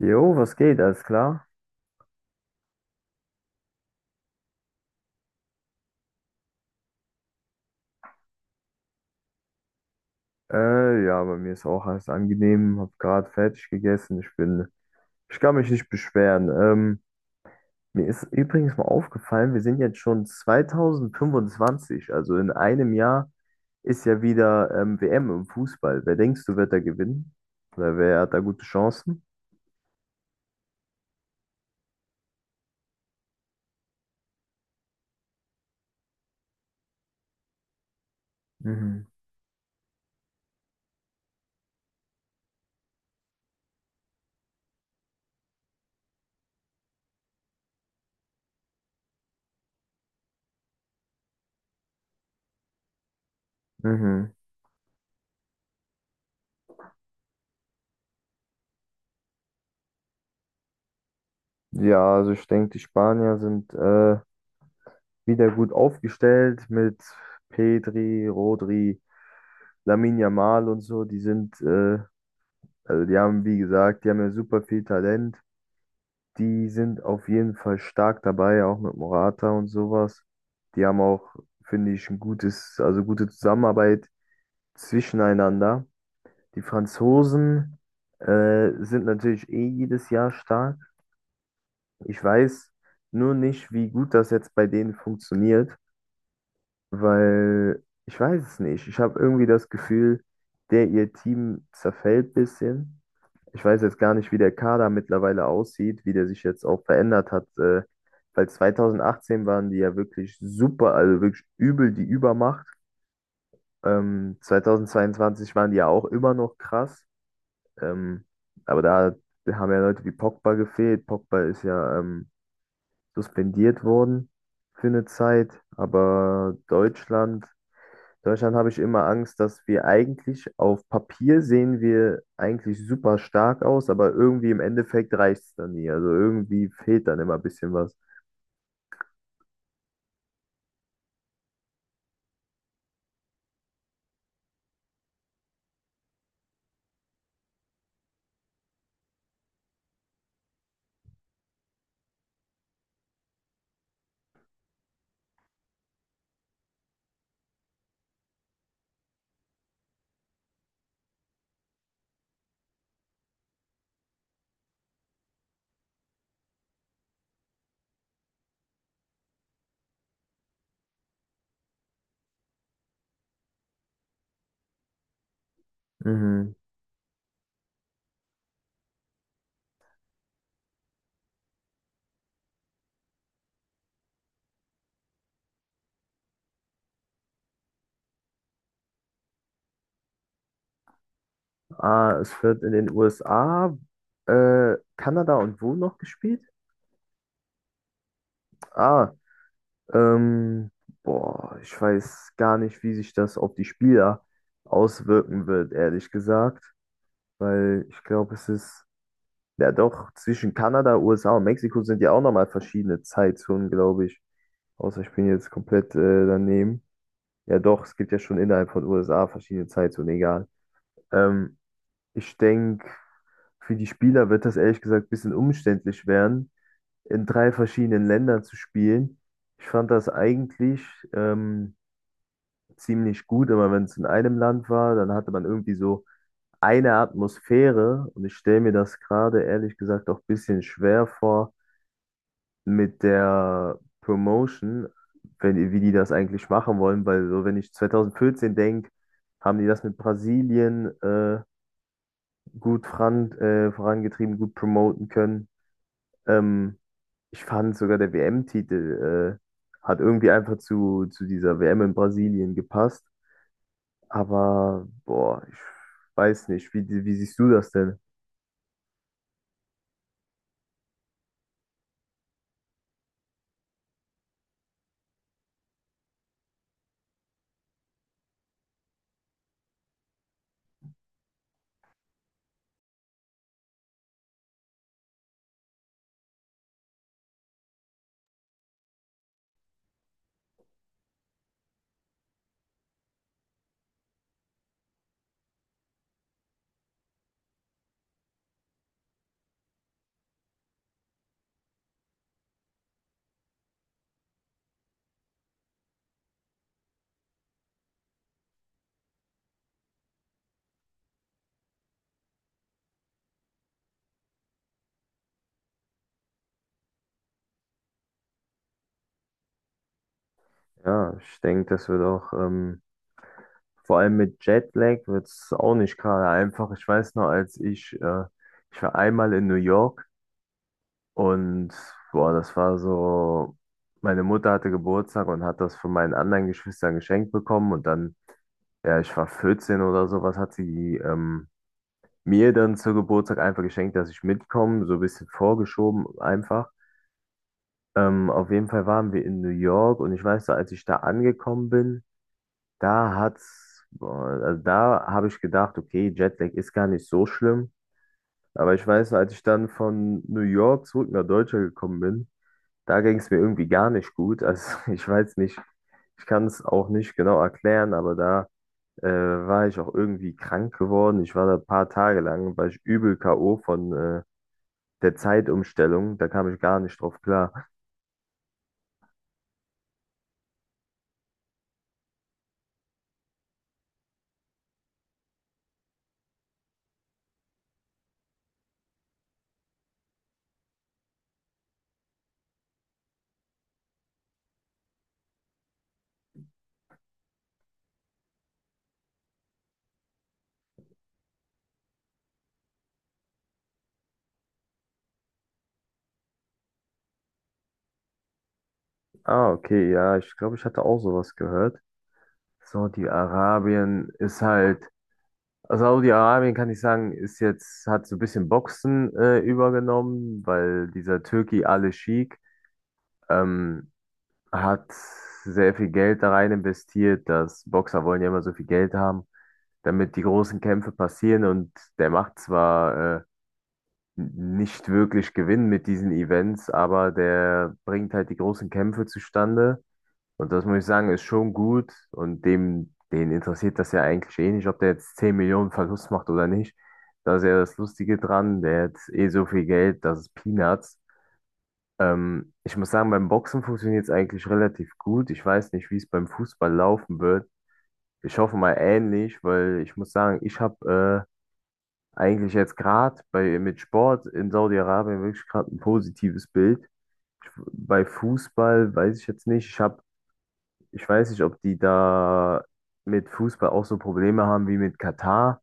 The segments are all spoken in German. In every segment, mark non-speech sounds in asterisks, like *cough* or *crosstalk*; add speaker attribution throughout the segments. Speaker 1: Jo, was geht? Alles klar? Ja, bei mir ist auch alles angenehm. Hab gerade fertig gegessen. Ich kann mich nicht beschweren. Mir ist übrigens mal aufgefallen, wir sind jetzt schon 2025. Also in einem Jahr ist ja wieder WM im Fußball. Wer denkst du, wird da gewinnen? Oder wer hat da gute Chancen? Mhm. Mhm. Ja, also ich denke, die Spanier sind wieder gut aufgestellt mit Pedri, Rodri. Lamine Yamal und so, die sind also die haben ja super viel Talent. Die sind auf jeden Fall stark dabei, auch mit Morata und sowas. Die haben auch, finde ich, ein gutes, also gute Zusammenarbeit zwischeneinander. Die Franzosen, sind natürlich eh jedes Jahr stark. Ich weiß nur nicht, wie gut das jetzt bei denen funktioniert, weil ich weiß es nicht. Ich habe irgendwie das Gefühl, der ihr Team zerfällt ein bisschen. Ich weiß jetzt gar nicht, wie der Kader mittlerweile aussieht, wie der sich jetzt auch verändert hat. Weil 2018 waren die ja wirklich super, also wirklich übel die Übermacht. 2022 waren die ja auch immer noch krass. Ähm, aber da haben ja Leute wie Pogba gefehlt. Pogba ist ja suspendiert worden für eine Zeit. Aber Deutschland, habe ich immer Angst, dass wir eigentlich auf Papier sehen wir eigentlich super stark aus, aber irgendwie im Endeffekt reicht es dann nie. Also irgendwie fehlt dann immer ein bisschen was. Mhm. Ah, es wird in den USA, Kanada und wo noch gespielt? Ah, ähm, boah, ich weiß gar nicht, wie sich das auf die Spieler auswirken wird, ehrlich gesagt, weil ich glaube, ja doch, zwischen Kanada, USA und Mexiko sind ja auch nochmal verschiedene Zeitzonen, glaube ich. Außer ich bin jetzt komplett daneben. Ja, doch, es gibt ja schon innerhalb von USA verschiedene Zeitzonen, egal. Ähm, Ich denke, für die Spieler wird das ehrlich gesagt ein bisschen umständlich werden, in drei verschiedenen Ländern zu spielen. Ich fand das eigentlich ähm, ziemlich gut, immer wenn es in einem Land war, dann hatte man irgendwie so eine Atmosphäre und ich stelle mir das gerade ehrlich gesagt auch ein bisschen schwer vor mit der Promotion, wenn, wie die das eigentlich machen wollen, weil so, wenn ich 2014 denke, haben die das mit Brasilien gut vorangetrieben, gut promoten können. Ähm, Ich fand sogar der WM-Titel hat irgendwie einfach zu dieser WM in Brasilien gepasst. Aber boah, ich weiß nicht, wie siehst du das denn? Ja, ich denke, das wird auch vor allem mit Jetlag wird es auch nicht gerade einfach. Ich weiß noch, ich war einmal in New York und boah, das war so, meine Mutter hatte Geburtstag und hat das von meinen anderen Geschwistern geschenkt bekommen und dann, ja, ich war 14 oder sowas, hat sie mir dann zu Geburtstag einfach geschenkt, dass ich mitkomme, so ein bisschen vorgeschoben einfach. Auf jeden Fall waren wir in New York und ich weiß noch, als ich da angekommen bin, da hat's, boah, also da habe ich gedacht, okay, Jetlag ist gar nicht so schlimm. Aber ich weiß, als ich dann von New York zurück nach Deutschland gekommen bin, da ging es mir irgendwie gar nicht gut. Also *laughs* ich weiß nicht, ich kann es auch nicht genau erklären, aber da äh, war ich auch irgendwie krank geworden. Ich war da ein paar Tage lang, war ich übel K.O. von der Zeitumstellung. Da kam ich gar nicht drauf klar. Ah, okay, ja, ich glaube, ich hatte auch sowas gehört. Saudi-Arabien ist halt. Also Saudi-Arabien kann ich sagen, ist jetzt, hat so ein bisschen Boxen übergenommen, weil dieser Türki Ali Sheikh ähm, hat sehr viel Geld da rein investiert, dass Boxer wollen ja immer so viel Geld haben, damit die großen Kämpfe passieren und der macht zwar nicht wirklich Gewinn mit diesen Events, aber der bringt halt die großen Kämpfe zustande und das muss ich sagen, ist schon gut. Und dem, den interessiert das ja eigentlich eh nicht, ob der jetzt 10 Millionen Verlust macht oder nicht. Da ist ja das Lustige dran, der hat eh so viel Geld, das ist Peanuts. Ich muss sagen, beim Boxen funktioniert es eigentlich relativ gut. Ich weiß nicht, wie es beim Fußball laufen wird. Ich hoffe mal ähnlich, weil ich muss sagen, ich habe eigentlich jetzt gerade bei mit Sport in Saudi-Arabien wirklich gerade ein positives Bild. Ich, bei Fußball weiß ich jetzt nicht. Ich weiß nicht, ob die da mit Fußball auch so Probleme haben wie mit Katar.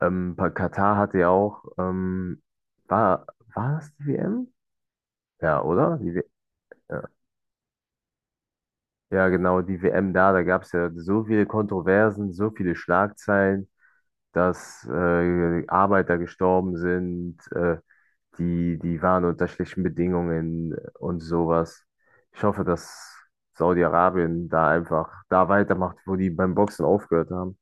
Speaker 1: Bei Katar hatte ja auch, war, war das die WM? Ja, oder? Die WM, ja. Ja, genau, die WM da, da gab es ja so viele Kontroversen, so viele Schlagzeilen, dass Arbeiter gestorben sind, die waren unter schlechten Bedingungen und sowas. Ich hoffe, dass Saudi-Arabien da einfach da weitermacht, wo die beim Boxen aufgehört haben.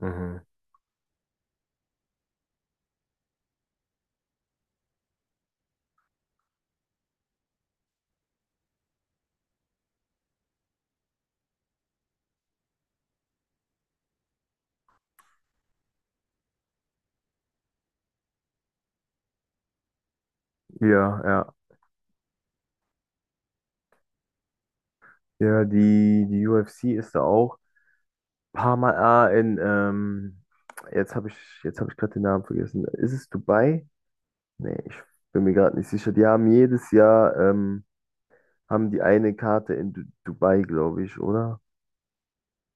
Speaker 1: Mhm. Ja, ja. Ja, die UFC ist da auch ein paar Mal in, jetzt habe ich, jetzt habe ich gerade den Namen vergessen. Ist es Dubai? Nee, ich bin mir gerade nicht sicher. Die haben jedes Jahr, haben die eine Karte in Dubai, glaube ich, oder?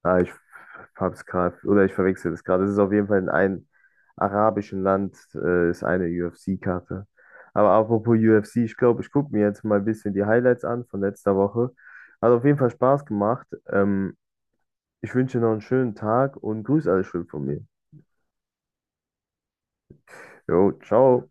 Speaker 1: Ah, ich hab's gerade, oder ich verwechsel das gerade. Es ist auf jeden Fall in einem arabischen Land, ist eine UFC-Karte. Aber apropos UFC, ich glaube, ich gucke mir jetzt mal ein bisschen die Highlights an von letzter Woche. Hat auf jeden Fall Spaß gemacht. Ich wünsche dir noch einen schönen Tag und grüß alle schön von mir. Jo, ciao.